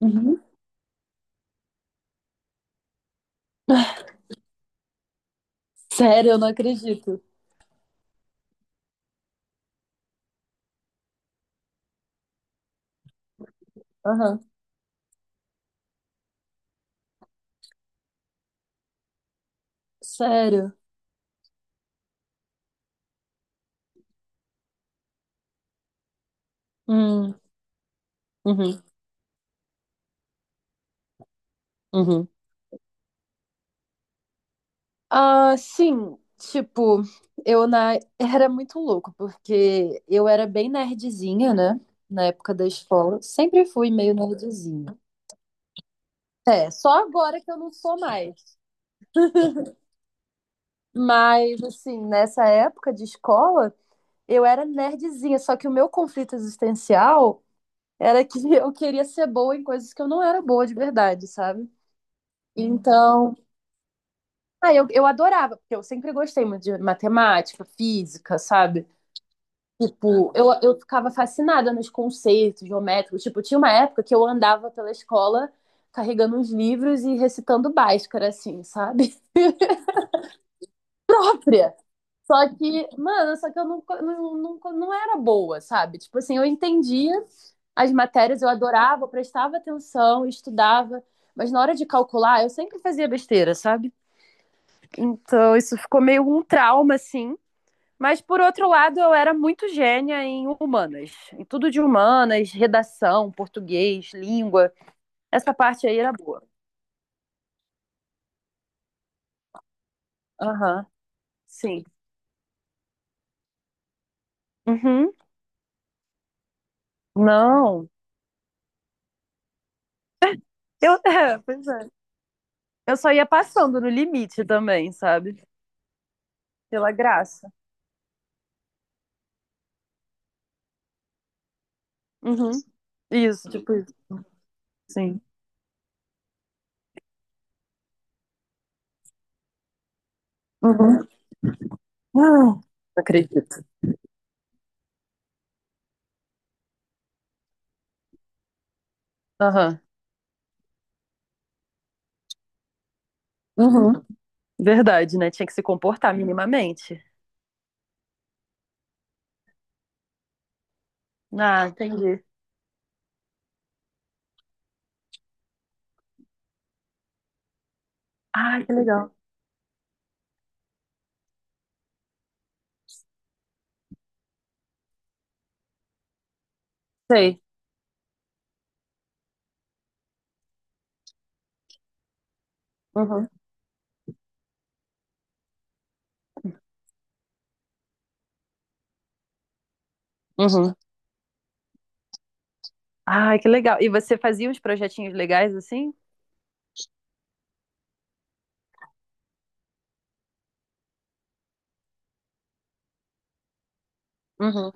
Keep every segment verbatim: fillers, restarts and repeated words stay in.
Uhum. Sério, eu não acredito. Aham. Sério. Hum. Uhum. Uhum. Ah, sim. Tipo, eu na... era muito louco, porque eu era bem nerdzinha, né? Na época da escola. Sempre fui meio nerdzinha. É, só agora que eu não sou mais. Mas, assim, nessa época de escola, eu era nerdzinha. Só que o meu conflito existencial era que eu queria ser boa em coisas que eu não era boa de verdade, sabe? Então, ah, eu, eu adorava, porque eu sempre gostei muito de matemática, física, sabe? Tipo, eu, eu ficava fascinada nos conceitos geométricos. Tipo, tinha uma época que eu andava pela escola carregando uns livros e recitando Bhaskara, assim, sabe? Própria. Só que, mano, só que eu não, não, não, não era boa, sabe? Tipo assim, eu entendia as matérias, eu adorava, eu prestava atenção, estudava, mas na hora de calcular, eu sempre fazia besteira, sabe? Então, isso ficou meio um trauma, assim. Mas, por outro lado, eu era muito gênia em humanas. Em tudo de humanas, redação, português, língua. Essa parte aí era boa. Aham, sim. Uhum. Não. Eu, é, pois é. Eu só ia passando no limite também, sabe? Pela graça. Uhum. Isso, tipo isso. Sim. Uhum. Ah, não acredito. Aham. Uhum. Verdade, né? Tinha que se comportar minimamente. Ah, entendi. Ah, que legal. Sei. Uhum. Uhum. Ai, que legal. E você fazia uns projetinhos legais assim? Uhum.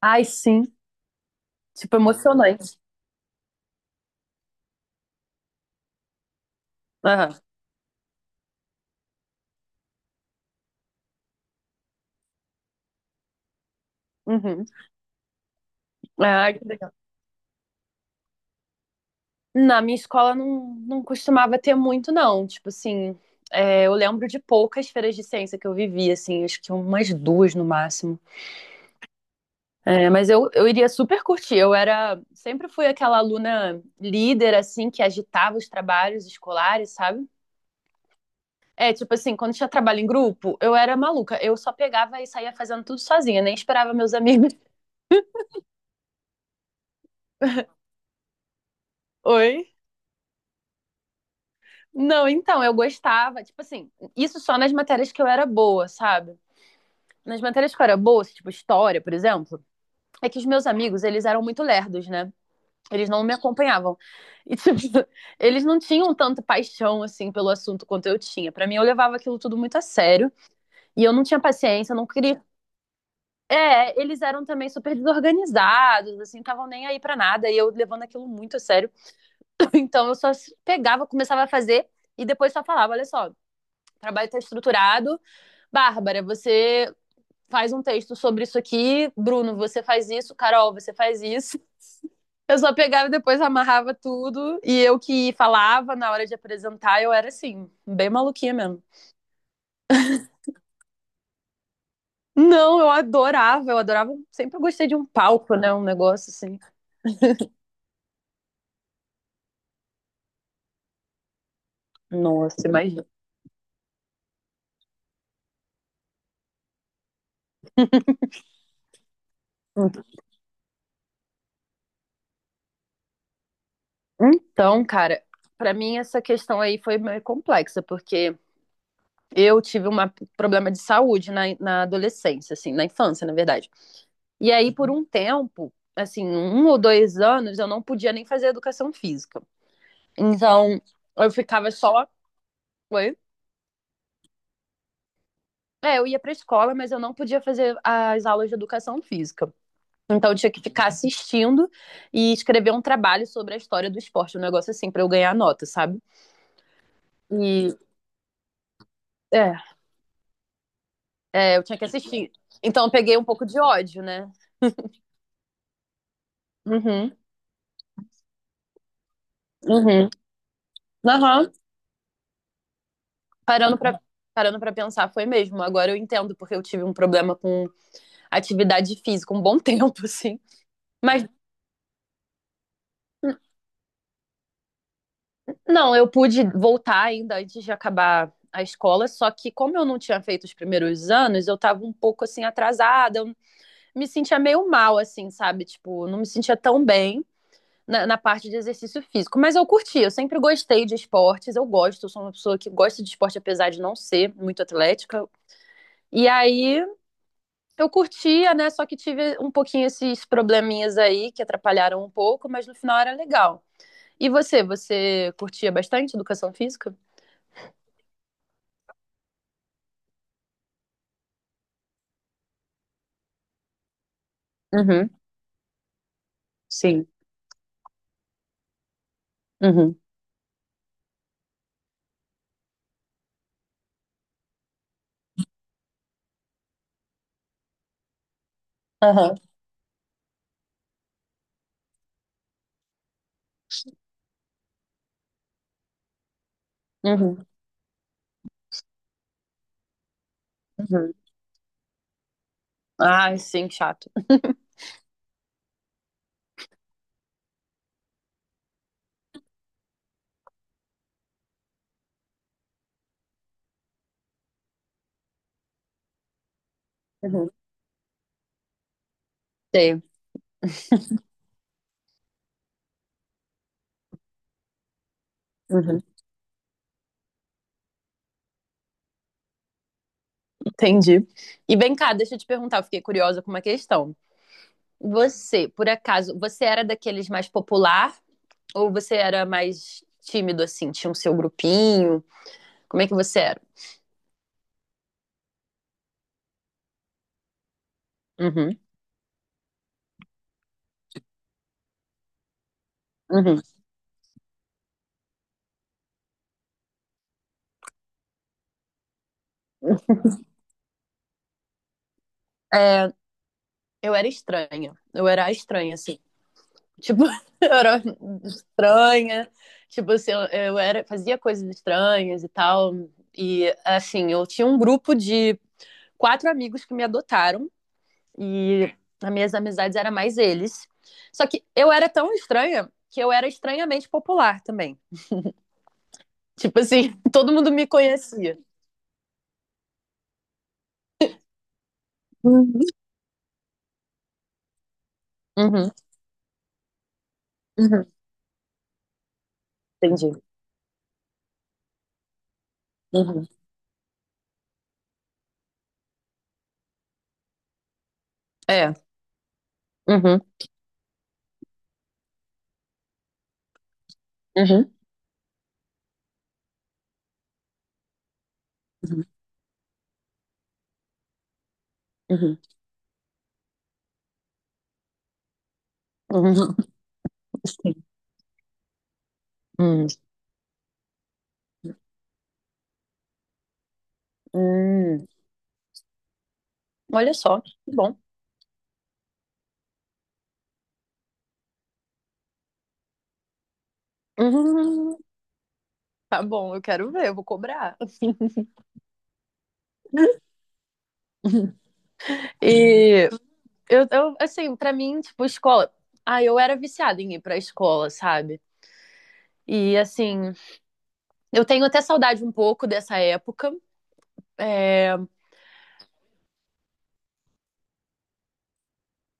Ai, sim. Tipo, emocionante. Aham. Uhum. Ai, que legal. Na minha escola não, não costumava ter muito, não. Tipo assim, é, eu lembro de poucas feiras de ciência que eu vivi, assim, acho que umas duas no máximo. É, mas eu, eu iria super curtir. Eu era, sempre fui aquela aluna líder, assim, que agitava os trabalhos escolares, sabe? É, tipo assim, quando tinha trabalho em grupo, eu era maluca. Eu só pegava e saía fazendo tudo sozinha, nem esperava meus amigos. Oi? Não, então, eu gostava, tipo assim, isso só nas matérias que eu era boa, sabe? Nas matérias que eu era boa, assim, tipo história, por exemplo, é que os meus amigos, eles eram muito lerdos, né? Eles não me acompanhavam. E, tipo, eles não tinham tanta paixão, assim, pelo assunto quanto eu tinha. Pra mim, eu levava aquilo tudo muito a sério. E eu não tinha paciência, eu não queria. É, eles eram também super desorganizados, assim, estavam nem aí pra nada, e eu levando aquilo muito a sério. Então eu só pegava, começava a fazer e depois só falava, olha só, o trabalho tá estruturado, Bárbara, você faz um texto sobre isso aqui, Bruno, você faz isso, Carol, você faz isso. Eu só pegava e depois amarrava tudo, e eu que falava na hora de apresentar, eu era assim, bem maluquinha mesmo. Não, eu adorava, eu adorava, sempre gostei de um palco, né, um negócio assim. Nossa, imagina. Então, cara, pra mim essa questão aí foi meio complexa, porque eu tive um problema de saúde na, na adolescência, assim, na infância, na verdade. E aí, por um tempo, assim, um ou dois anos, eu não podia nem fazer educação física. Então, eu ficava só. Oi? É, eu ia pra escola, mas eu não podia fazer as aulas de educação física. Então, eu tinha que ficar assistindo e escrever um trabalho sobre a história do esporte, um negócio assim, pra eu ganhar nota, sabe? E. É, é, eu tinha que assistir. Então eu peguei um pouco de ódio, né? Uhum, uhum. Aham. Parando pra, parando pra pensar, foi mesmo. Agora eu entendo, porque eu tive um problema com atividade física um bom tempo, assim. Mas não, eu pude voltar ainda antes de acabar a escola, só que como eu não tinha feito os primeiros anos, eu tava um pouco assim atrasada, eu me sentia meio mal assim, sabe? Tipo, não me sentia tão bem. na, na parte de exercício físico. Mas eu curti, eu sempre gostei de esportes, eu gosto, eu sou uma pessoa que gosta de esporte, apesar de não ser muito atlética. E aí eu curtia, né? Só que tive um pouquinho esses probleminhas aí que atrapalharam um pouco, mas no final era legal. E você, você curtia bastante educação física? Uhum, sim. Uhum, aham, uhum, uhum. Ai, sim, chato. Uhum, sei. Uhum, entendi. E vem cá, deixa eu te perguntar, eu fiquei curiosa com uma questão. Você, por acaso, você era daqueles mais popular ou você era mais tímido, assim? Tinha o seu grupinho? Como é que você era? Uhum, uhum. É, eu era estranha. Eu era a estranha, assim. Tipo, eu era estranha. Tipo, assim, eu eu era, fazia coisas estranhas e tal. E, assim, eu tinha um grupo de quatro amigos que me adotaram. E as minhas amizades eram mais eles. Só que eu era tão estranha que eu era estranhamente popular também. Tipo assim, todo mundo me conhecia. Uhum. Uhum, uhum. Entendi. Uhum. É. Uhum, uhum, uhum. Uhum. Uhum. Sim. Hum. Hum. Olha só, que bom. Hum, Tá bom, eu quero ver, eu vou cobrar. E eu, eu, assim, pra mim, tipo, escola. Ah, eu era viciada em ir pra escola, sabe? E assim, eu tenho até saudade um pouco dessa época. É...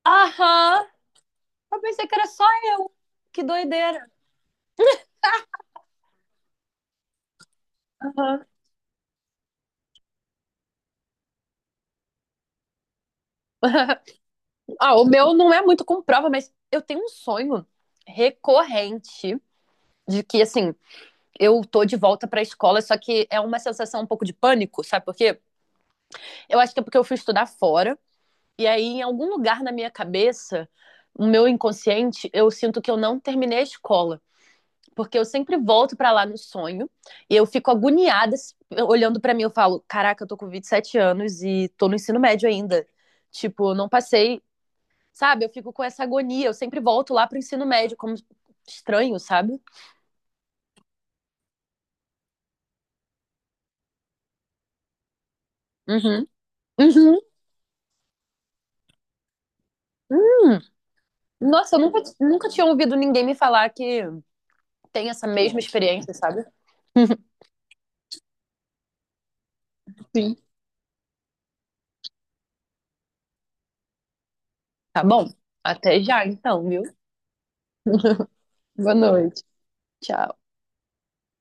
Aham! Eu pensei que era só. Que doideira! Aham. Ah, o meu não é muito com prova, mas eu tenho um sonho recorrente de que, assim, eu tô de volta pra escola, só que é uma sensação um pouco de pânico, sabe por quê? Eu acho que é porque eu fui estudar fora, e aí em algum lugar na minha cabeça, no meu inconsciente, eu sinto que eu não terminei a escola. Porque eu sempre volto pra lá no sonho e eu fico agoniada s- olhando pra mim. Eu falo: Caraca, eu tô com vinte e sete anos e tô no ensino médio ainda. Tipo, eu não passei. Sabe? Eu fico com essa agonia. Eu sempre volto lá pro ensino médio, como estranho, sabe? Uhum. Uhum. Hum. Nossa, eu nunca, nunca tinha ouvido ninguém me falar que tem essa mesma experiência, sabe? Sim. Tá bom. Até já, então, viu? Boa noite. Tchau.